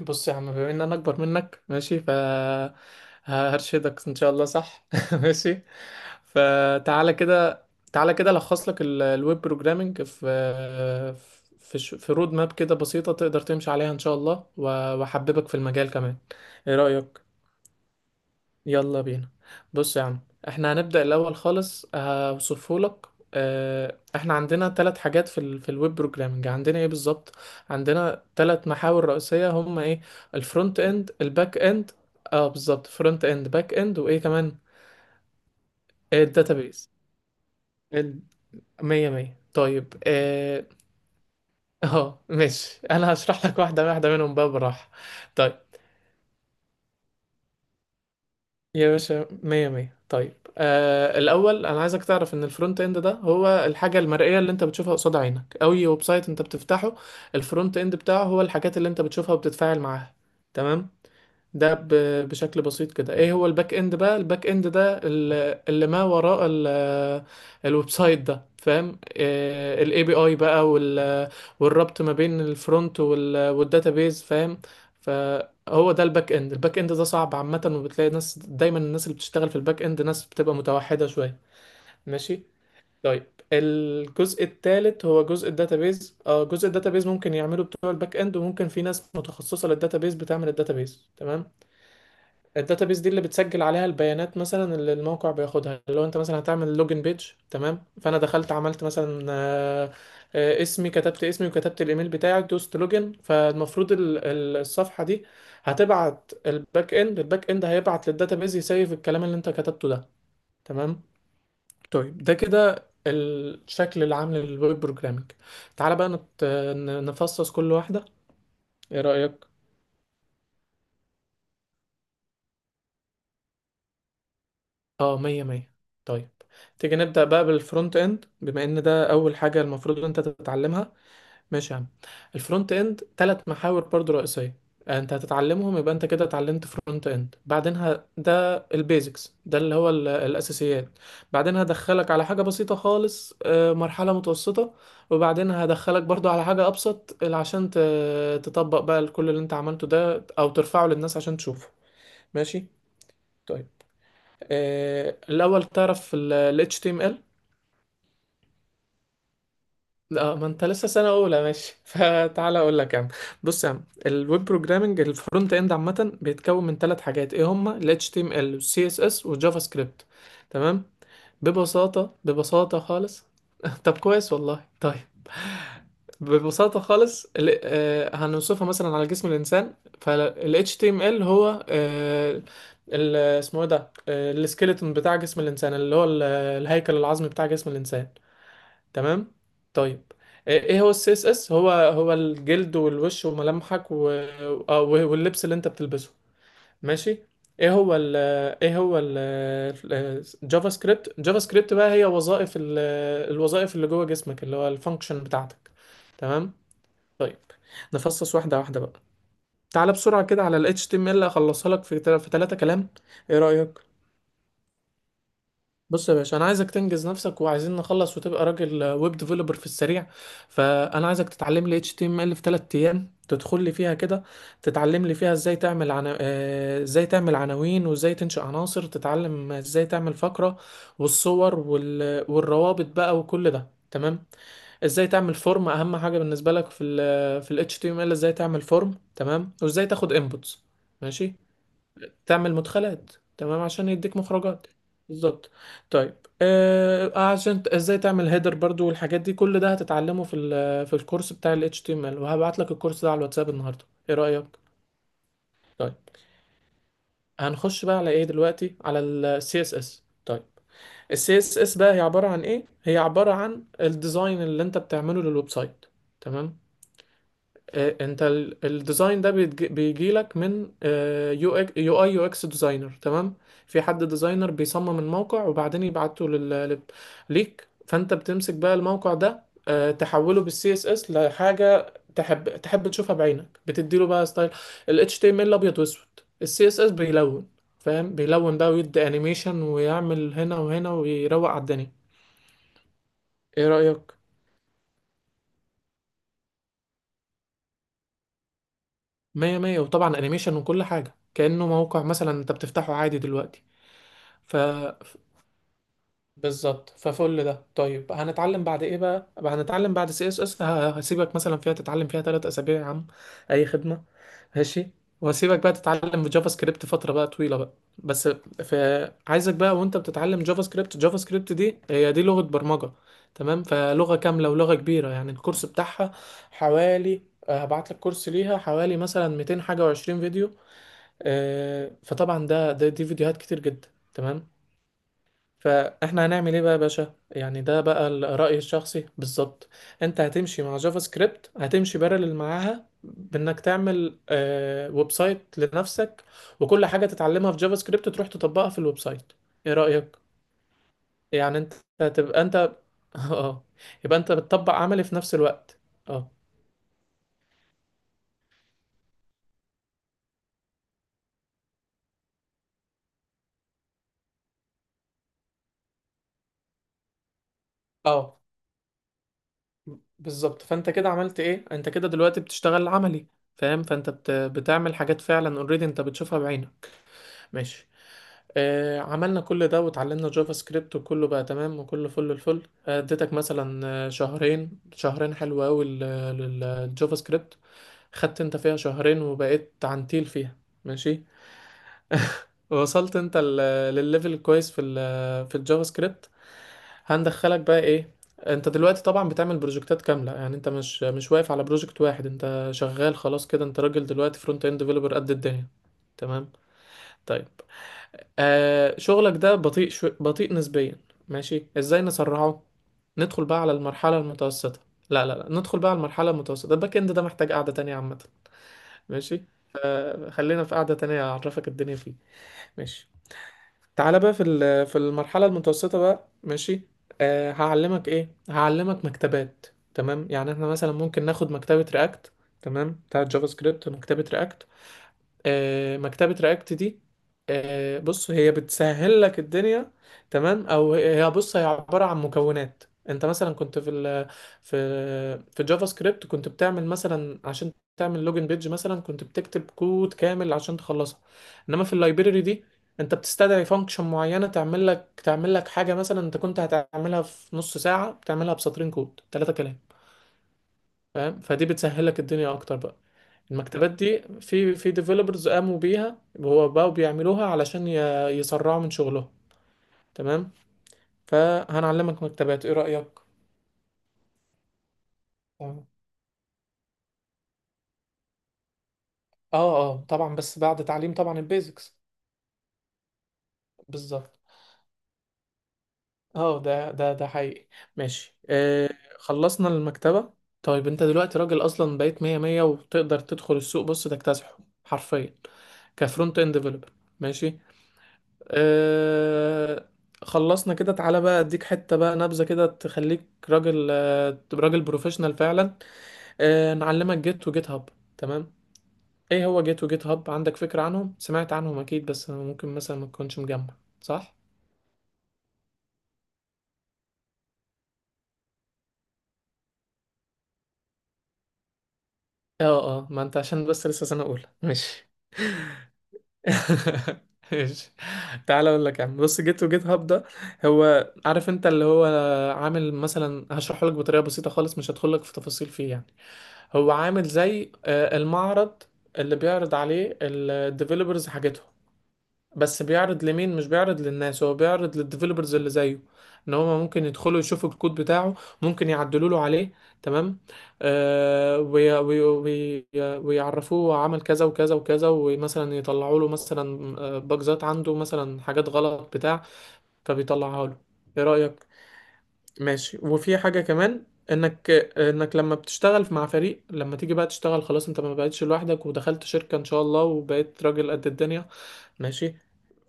بص يا عم، بما ان انا اكبر منك ماشي. هرشدك ان شاء الله، صح. ماشي، فتعالى كده. تعالى كده الخص لك الويب بروجرامنج في في رود ماب كده بسيطة تقدر تمشي عليها ان شاء الله واحببك في المجال كمان. ايه رأيك؟ يلا بينا. بص يا عم، احنا هنبدأ الأول خالص، هوصفهولك. احنا عندنا ثلاث حاجات في في الويب بروجرامنج، عندنا ايه بالظبط؟ عندنا ثلاث محاور رئيسية، هم ايه؟ الفرونت اند الباك اند. اه بالظبط، فرونت اند باك اند، وايه كمان؟ الداتابيز. ال- مية مية طيب اه. آه، ماشي، انا هشرح لك واحدة واحدة منهم بقى بالراحة. طيب يا باشا، مية مية طيب. آه الأول، أنا عايزك تعرف إن الفرونت إند ده هو الحاجة المرئية اللي أنت بتشوفها قصاد عينك. أي ويب سايت أنت بتفتحه، الفرونت إند بتاعه هو الحاجات اللي أنت بتشوفها وبتتفاعل معاها. تمام. ده بشكل بسيط كده. ايه هو الباك اند بقى؟ الباك اند ده اللي ما وراء الويب سايت ده، فاهم؟ الAPI بقى والربط ما بين الفرونت والداتابيز، فاهم؟ فهو ده الباك اند. الباك اند ده صعب عامة، وبتلاقي ناس دايما، الناس اللي بتشتغل في الباك اند ناس بتبقى متوحدة شوية. ماشي. طيب. الجزء الثالث هو جزء الداتابيز. اه، جزء الداتابيز ممكن يعمله بتوع الباك اند، وممكن في ناس متخصصة للداتابيز بتعمل الداتابيز. تمام. الداتابيس دي اللي بتسجل عليها البيانات مثلا، اللي الموقع بياخدها. لو انت مثلا هتعمل لوجن بيج، تمام، فانا دخلت عملت مثلا اسمي، كتبت اسمي وكتبت الايميل بتاعي، دوست لوجن، فالمفروض الصفحه دي هتبعت الباك اند، الباك اند هيبعت للداتابيس يسيف الكلام اللي انت كتبته ده. تمام. طيب ده كده الشكل العام للويب بروجرامينج. تعالى بقى نفصص كل واحده. ايه رايك؟ اه مية مية. طيب تيجي نبدأ بقى بالفرونت اند، بما ان ده اول حاجة المفروض ان انت تتعلمها. ماشي يا عم. الفرونت اند ثلاث محاور برضو رئيسية. انت هتتعلمهم، يبقى انت كده اتعلمت فرونت اند. بعدينها ده البيزكس، ده اللي هو الاساسيات. بعدين هدخلك على حاجة بسيطة خالص، مرحلة متوسطة. وبعدين هدخلك برضو على حاجة ابسط، اللي عشان تطبق بقى كل اللي انت عملته ده او ترفعه للناس عشان تشوفه. ماشي. طيب. الاول تعرف ال ال HTML. لا، ما انت لسه سنه اولى ماشي فتعالى اقول لك يا عم. بص يا عم، الويب بروجرامنج الفرونت اند عامه بيتكون من ثلاث حاجات. ايه هما؟ ال HTML وال CSS والجافا سكريبت. تمام. ببساطه خالص. طب كويس والله. طيب ببساطه خالص، هنوصفها مثلا على جسم الانسان. فال HTML هو اسمه ايه ده؟ السكيلتون بتاع جسم الانسان، اللي هو الهيكل العظمي بتاع جسم الانسان. تمام. طيب. إيه هو السي اس اس؟ هو الجلد والوش وملامحك و... واللبس اللي انت بتلبسه. ماشي. ايه هو ال ايه هو ال الجافا سكريبت. جافا سكريبت بقى هي وظائف الوظائف اللي جوه جسمك، اللي هو الفانكشن بتاعتك. تمام. طيب. نفصص واحده واحده بقى. تعالى بسرعه كده على ال HTML، اخلصها لك في في ثلاثه كلام. ايه رأيك؟ بص يا باشا، انا عايزك تنجز نفسك، وعايزين نخلص وتبقى راجل ويب ديفلوبر في السريع. فانا عايزك تتعلم لي HTML في 3 ايام. تدخل لي فيها كده، تتعلم لي فيها ازاي تعمل ازاي تعمل عناوين، وازاي تنشئ عناصر، تتعلم ازاي تعمل فقرة والصور والروابط بقى وكل ده. تمام. ازاي تعمل فورم، اهم حاجة بالنسبة لك في في ال HTML، ازاي تعمل فورم. تمام. وازاي تاخد inputs. ماشي. تعمل مدخلات. تمام، عشان يديك مخرجات. بالظبط. طيب. آه عشان ازاي تعمل هيدر برضو، والحاجات دي كل ده هتتعلمه في في الكورس بتاع ال HTML. وهبعت لك الكورس ده على الواتساب النهارده. ايه رأيك؟ طيب. هنخش بقى على ايه دلوقتي؟ على ال CSS. طيب. ال CSS بقى هي عبارة عن ايه؟ هي عبارة عن الديزاين اللي انت بتعمله للويب سايت. تمام. انت الديزاين ده بيجي لك من UI UX ديزاينر. تمام. في حد ديزاينر بيصمم الموقع، وبعدين يبعته ليك. فانت بتمسك بقى الموقع ده، تحوله بالسي اس اس لحاجه تحب تشوفها بعينك، بتديله بقى ستايل. ال HTML ابيض واسود، السي اس اس بيلون. فاهم؟ بيلون بقى، ويدي انيميشن ويعمل هنا وهنا ويروق على الدنيا. ايه رأيك؟ مية مية، وطبعا انيميشن وكل حاجة، كأنه موقع مثلا انت بتفتحه عادي دلوقتي. ف بالظبط، ففل ده. طيب هنتعلم بعد ايه بقى؟ هنتعلم بعد سي اس اس، هسيبك مثلا فيها تتعلم فيها 3 اسابيع يا عم. اي خدمه. ماشي. وهسيبك بقى تتعلم في جافا سكريبت فتره بقى طويله بقى بس. في عايزك بقى، وانت بتتعلم جافا سكريبت، دي هي دي لغه برمجه. تمام. فلغه كامله ولغه كبيره يعني، الكورس بتاعها حوالي، هبعت لك كورس ليها حوالي مثلا 200 حاجه و20 فيديو. فطبعا ده ده دي فيديوهات كتير جدا. تمام. فاحنا هنعمل ايه بقى يا باشا؟ يعني ده بقى رأيي الشخصي بالظبط. انت هتمشي مع جافا سكريبت، هتمشي بارلل معاها بانك تعمل آه ويب سايت لنفسك. وكل حاجة تتعلمها في جافا سكريبت تروح تطبقها في الويب سايت. ايه رأيك؟ يعني انت هتبقى انت اه. يبقى انت بتطبق عملي في نفس الوقت. اه اه بالظبط. فانت كده عملت ايه؟ انت كده دلوقتي بتشتغل عملي، فاهم؟ فانت بتعمل حاجات فعلا اوريدي انت بتشوفها بعينك. ماشي. عملنا كل ده وتعلمنا جافا سكريبت وكله بقى تمام وكله فل الفل. اديتك مثلا شهرين، شهرين حلوة أوي للجافا سكريبت. خدت انت فيها شهرين وبقيت عنتيل فيها. ماشي. وصلت انت للليفل الكويس في في الجافا سكريبت. هندخلك بقى ايه؟ انت دلوقتي طبعا بتعمل بروجكتات كامله، يعني انت مش واقف على بروجكت واحد، انت شغال خلاص كده، انت راجل دلوقتي فرونت اند ديفلوبر قد الدنيا. تمام. طيب. آه شغلك ده بطيء، بطيء نسبيا. ماشي، ازاي نسرعه؟ ندخل بقى على المرحلة المتوسطة. لا لا لا، ندخل بقى على المرحلة المتوسطة. الباك اند ده محتاج قعدة تانية عامة. ماشي. آه خلينا في قعدة تانية اعرفك الدنيا فيه. ماشي. تعالى بقى في في المرحلة المتوسطة بقى. ماشي. آه هعلمك ايه؟ هعلمك مكتبات. تمام. يعني احنا مثلا ممكن ناخد مكتبة رياكت. تمام، بتاعت جافا سكريبت، ومكتبة رياكت. مكتبة رياكت دي، بص هي بتسهل لك الدنيا. تمام. او هي، بص هي عبارة عن مكونات. انت مثلا كنت في في في جافا سكريبت كنت بتعمل مثلا، عشان تعمل لوجن بيج مثلا، كنت بتكتب كود كامل عشان تخلصها. انما في اللايبرري دي، انت بتستدعي فانكشن معينة، تعمل لك حاجة مثلا انت كنت هتعملها في نص ساعة بتعملها بسطرين كود، ثلاثة كلام. فاهم؟ فدي بتسهلك الدنيا اكتر بقى. المكتبات دي في ديفلوبرز قاموا بيها، هو بقوا بيعملوها علشان يسرعوا من شغلهم. تمام. فهنعلمك مكتبات، ايه رأيك؟ تمام. اه اه طبعا، بس بعد تعليم طبعا البيزكس. بالظبط. اه ده حقيقي. ماشي. آه خلصنا المكتبة. طيب. انت دلوقتي راجل اصلا، بقيت مية مية وتقدر تدخل السوق. بص تكتسحه حرفيا كفرونت اند ديفلوبر. ماشي. آه خلصنا كده. تعالى بقى اديك حتة بقى، نبذة كده تخليك راجل، آه تبقى راجل بروفيشنال فعلا. آه نعلمك جيت وجيت هاب. تمام. ايه هو جيت وجيت هاب؟ عندك فكرة عنهم؟ سمعت عنهم اكيد، بس ممكن مثلا ما تكونش مجمع. صح؟ اه اه ما انت عشان بس لسه سنة اولى ماشي. ماشي، تعالى اقول لك يا عم. بص جيت وجيت هاب ده، هو عارف انت اللي هو عامل مثلا، هشرحه لك بطريقة بسيطة خالص مش هدخل لك في تفاصيل فيه يعني. هو عامل زي المعرض اللي بيعرض عليه الديفلوبرز حاجتهم. بس بيعرض لمين؟ مش بيعرض للناس، هو بيعرض للديفلوبرز اللي زيه، ان هما ممكن يدخلوا يشوفوا الكود بتاعه، ممكن يعدلوا له عليه. تمام. آه وي، ويعرفوه عمل كذا وكذا وكذا، ومثلا يطلعوا له مثلا باجزات عنده، مثلا حاجات غلط بتاع، فبيطلعها له. ايه رأيك؟ ماشي. وفي حاجة كمان، انك انك لما بتشتغل مع فريق، لما تيجي بقى تشتغل خلاص، انت ما بقتش لوحدك ودخلت شركة ان شاء الله وبقيت راجل قد الدنيا. ماشي.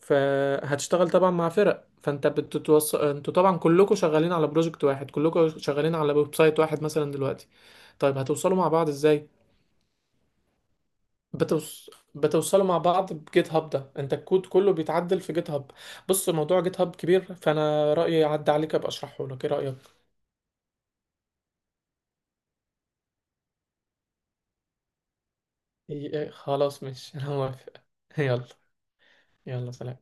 فهتشتغل طبعا مع فرق، فانت انتوا طبعا كلكم شغالين على بروجكت واحد، كلكم شغالين على ويب سايت واحد مثلا دلوقتي. طيب، هتوصلوا مع بعض ازاي؟ بتوص... بتوصلوا مع بعض بجيت هاب ده، انت الكود كله بيتعدل في جيت هاب. بص موضوع جيت هاب كبير، فانا رأيي يعدي عليك، ابقى اشرحه لك. ايه رأيك؟ خلاص ماشي، انا موافق. يلا. يلا، سلام.